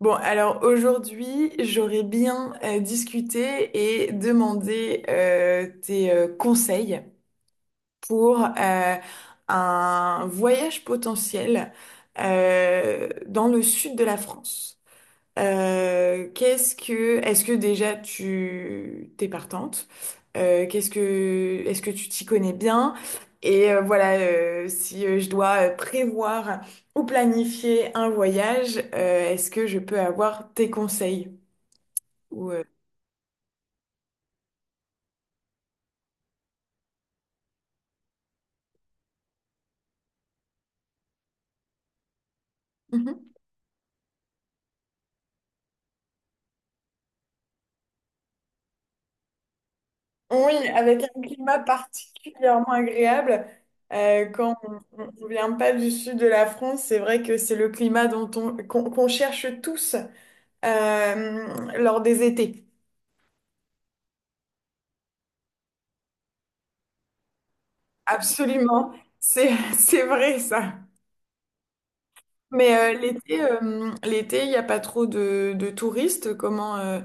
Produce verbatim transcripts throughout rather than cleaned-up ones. Bon, alors aujourd'hui, j'aurais bien euh, discuté et demandé euh, tes euh, conseils pour euh, un voyage potentiel euh, dans le sud de la France. Euh, qu'est-ce que, est-ce que déjà tu t'es partante? Euh, qu'est-ce que, est-ce que tu t'y connais bien? Et euh, voilà, euh, si euh, je dois euh, prévoir ou planifier un voyage, euh, est-ce que je peux avoir tes conseils? Ou, euh, Mhm. Oui, avec un climat particulièrement agréable. euh, quand on ne vient pas du sud de la France, c'est vrai que c'est le climat dont on, qu'on qu'on cherche tous euh, lors des étés. Absolument, c'est c'est vrai ça. Mais euh, l'été, euh, l'été, il n'y a pas trop de, de touristes. Comment euh,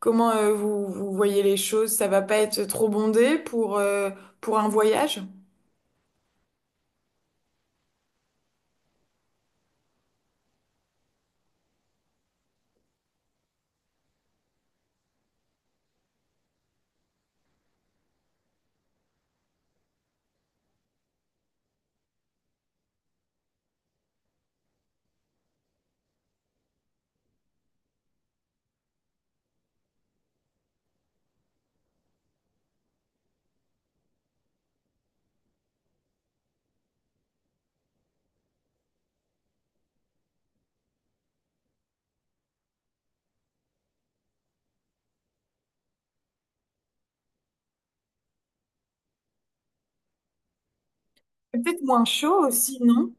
comment euh, vous, vous voyez les choses? Ça va pas être trop bondé pour euh, pour un voyage? Peut-être moins chaud aussi, non?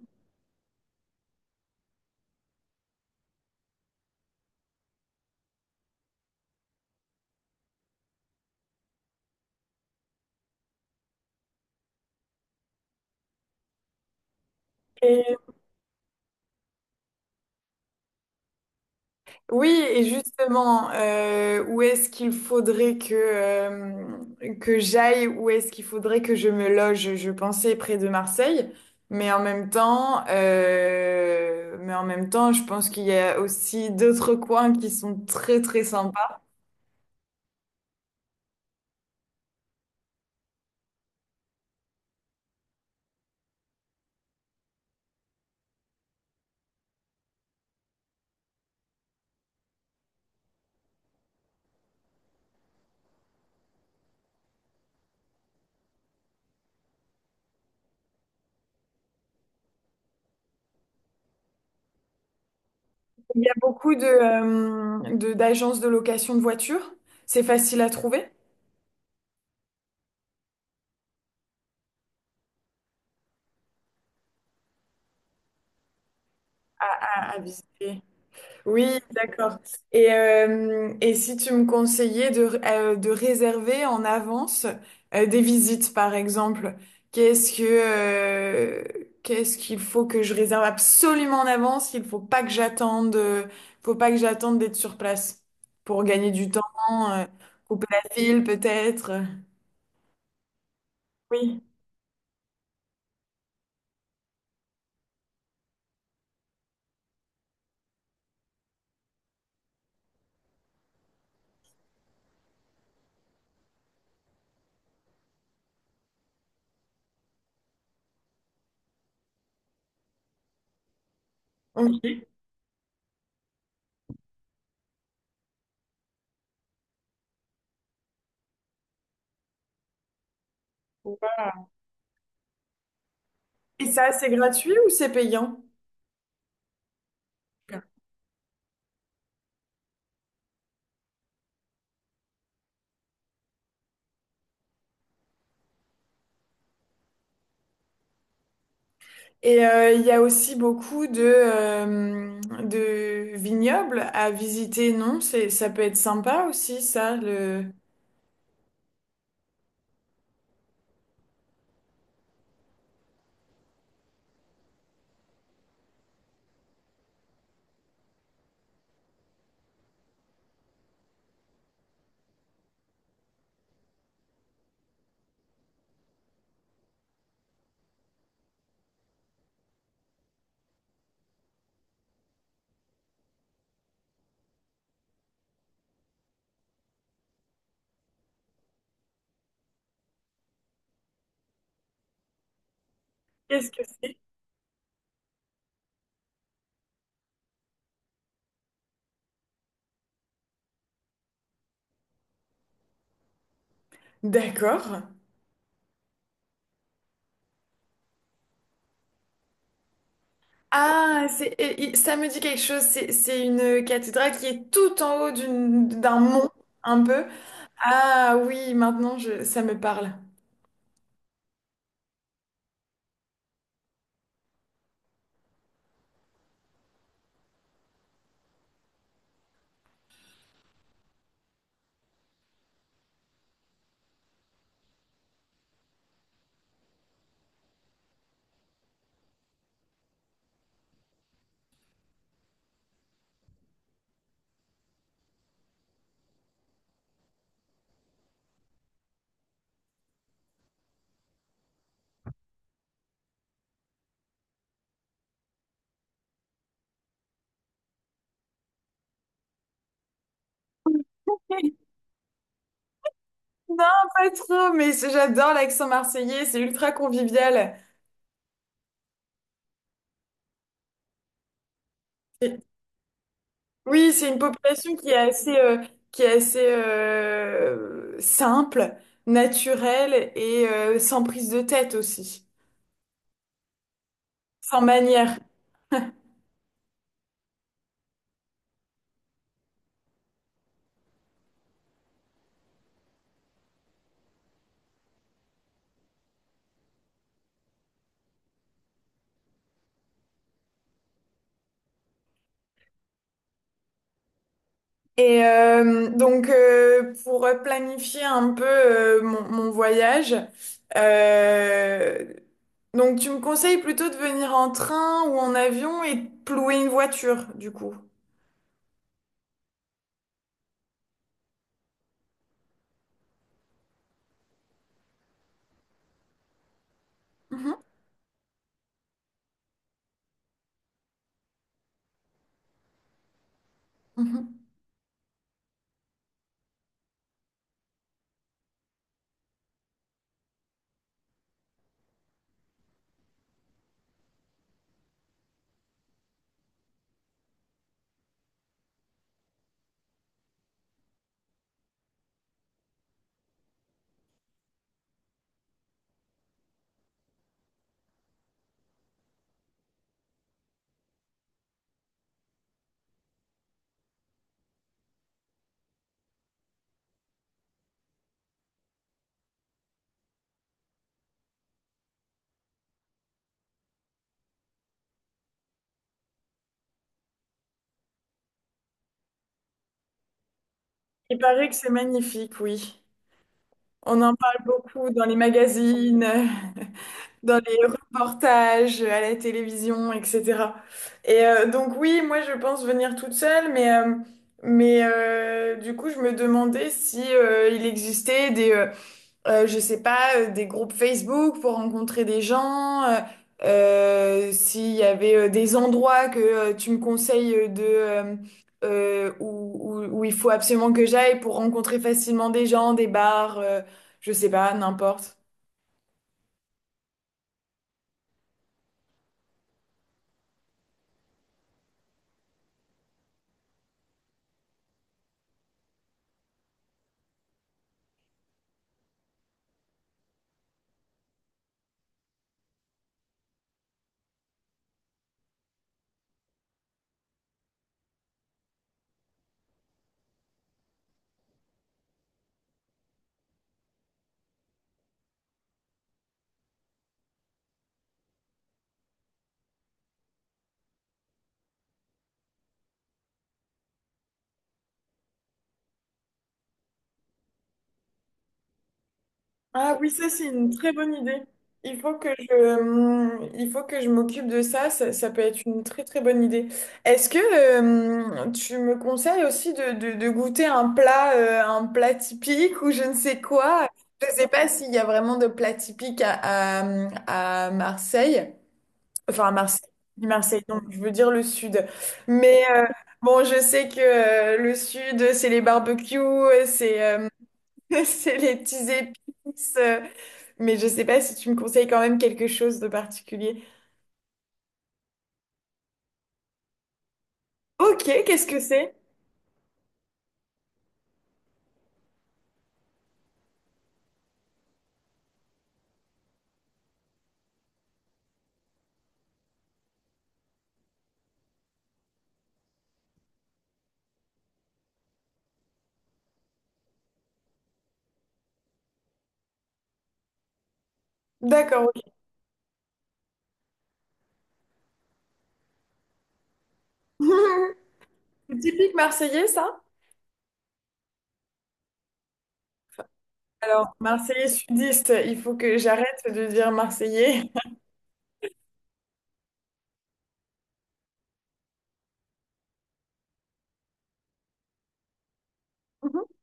Oui, et justement, euh, où est-ce qu'il faudrait que, euh, que j'aille, où est-ce qu'il faudrait que je me loge? Je pensais près de Marseille, mais en même temps, euh, mais en même temps, je pense qu'il y a aussi d'autres coins qui sont très très sympas. Il y a beaucoup de, euh, de- d'agences de location de voitures. C'est facile à trouver, à à visiter. Oui, d'accord. Et, euh, et si tu me conseillais de, euh, de réserver en avance euh, des visites, par exemple, qu'est-ce que, euh, qu'est-ce qu'il faut que je réserve absolument en avance? Il faut pas que j'attende, euh, faut pas que j'attende d'être sur place pour gagner du temps, euh, couper la file peut-être. Oui. Ok. Et ça, c'est gratuit ou c'est payant? Et euh, il y a aussi beaucoup de, euh, de vignobles à visiter, non? C'est, ça peut être sympa aussi, ça, le... Qu'est-ce que c'est? D'accord. Ah, c'est, et- et- ça me dit quelque chose. C'est, c'est une cathédrale qui est tout en haut d'une, d'un mont, un peu. Ah oui, maintenant, je, ça me parle. Non, pas trop, mais c'est- j'adore l'accent marseillais, c'est ultra convivial. Oui, c'est une population qui est assez, euh, qui est assez euh, simple, naturelle et euh, sans prise de tête aussi, sans manière. Et euh, donc, euh, pour planifier un peu euh, mon, mon voyage, euh, donc tu me conseilles plutôt de venir en train ou en avion et de louer une voiture, du coup. Mhm, mhm. Il paraît que c'est magnifique, oui. On en parle beaucoup dans les magazines. Dans les reportages, à la télévision, et cetera. Et euh, donc oui, moi je pense venir toute seule, mais, euh, mais euh, du coup je me demandais si euh, il existait des, euh, euh, je sais pas, euh, des groupes Facebook pour rencontrer des gens, euh, euh, s'il y avait euh, des endroits que euh, tu me conseilles de... euh, euh, où, où- où il faut absolument que j'aille pour rencontrer facilement des gens, des bars, euh, je sais pas, n'importe. Ah oui, ça c'est une très bonne idée. Il faut que je, hum, il faut que je m'occupe de ça. ça. ça peut être une très très bonne idée. Est-ce que euh, tu me conseilles aussi de, de- de goûter un plat, euh, un plat typique ou je ne sais quoi? Je ne sais pas s'il y a vraiment de plat typique à, à, à Marseille. Enfin, à Marseille. Je dis Marseille, donc je veux dire le sud. Mais euh, bon, je sais que euh, le sud, c'est les barbecues, c'est euh, c'est les petits épices. Euh, mais je sais pas si tu me conseilles quand même quelque chose de particulier. Ok, qu'est-ce que c'est? D'accord, ok. C'est typique marseillais, ça? Alors, marseillais sudiste, il faut que j'arrête de dire marseillais.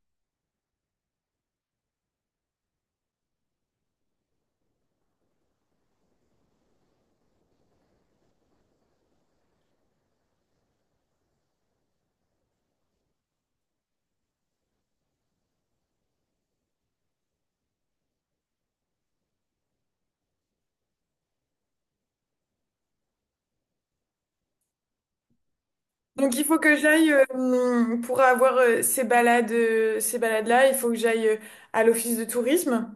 Donc, il faut que j'aille, euh, hum, pour avoir euh, ces balades, euh, ces balades-là, il faut que j'aille euh, à l'office de tourisme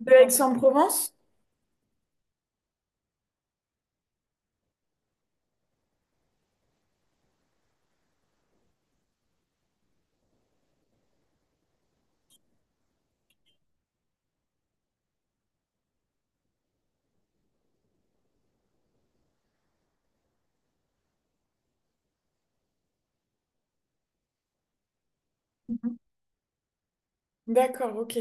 de Aix-en-Provence. D'accord, ok.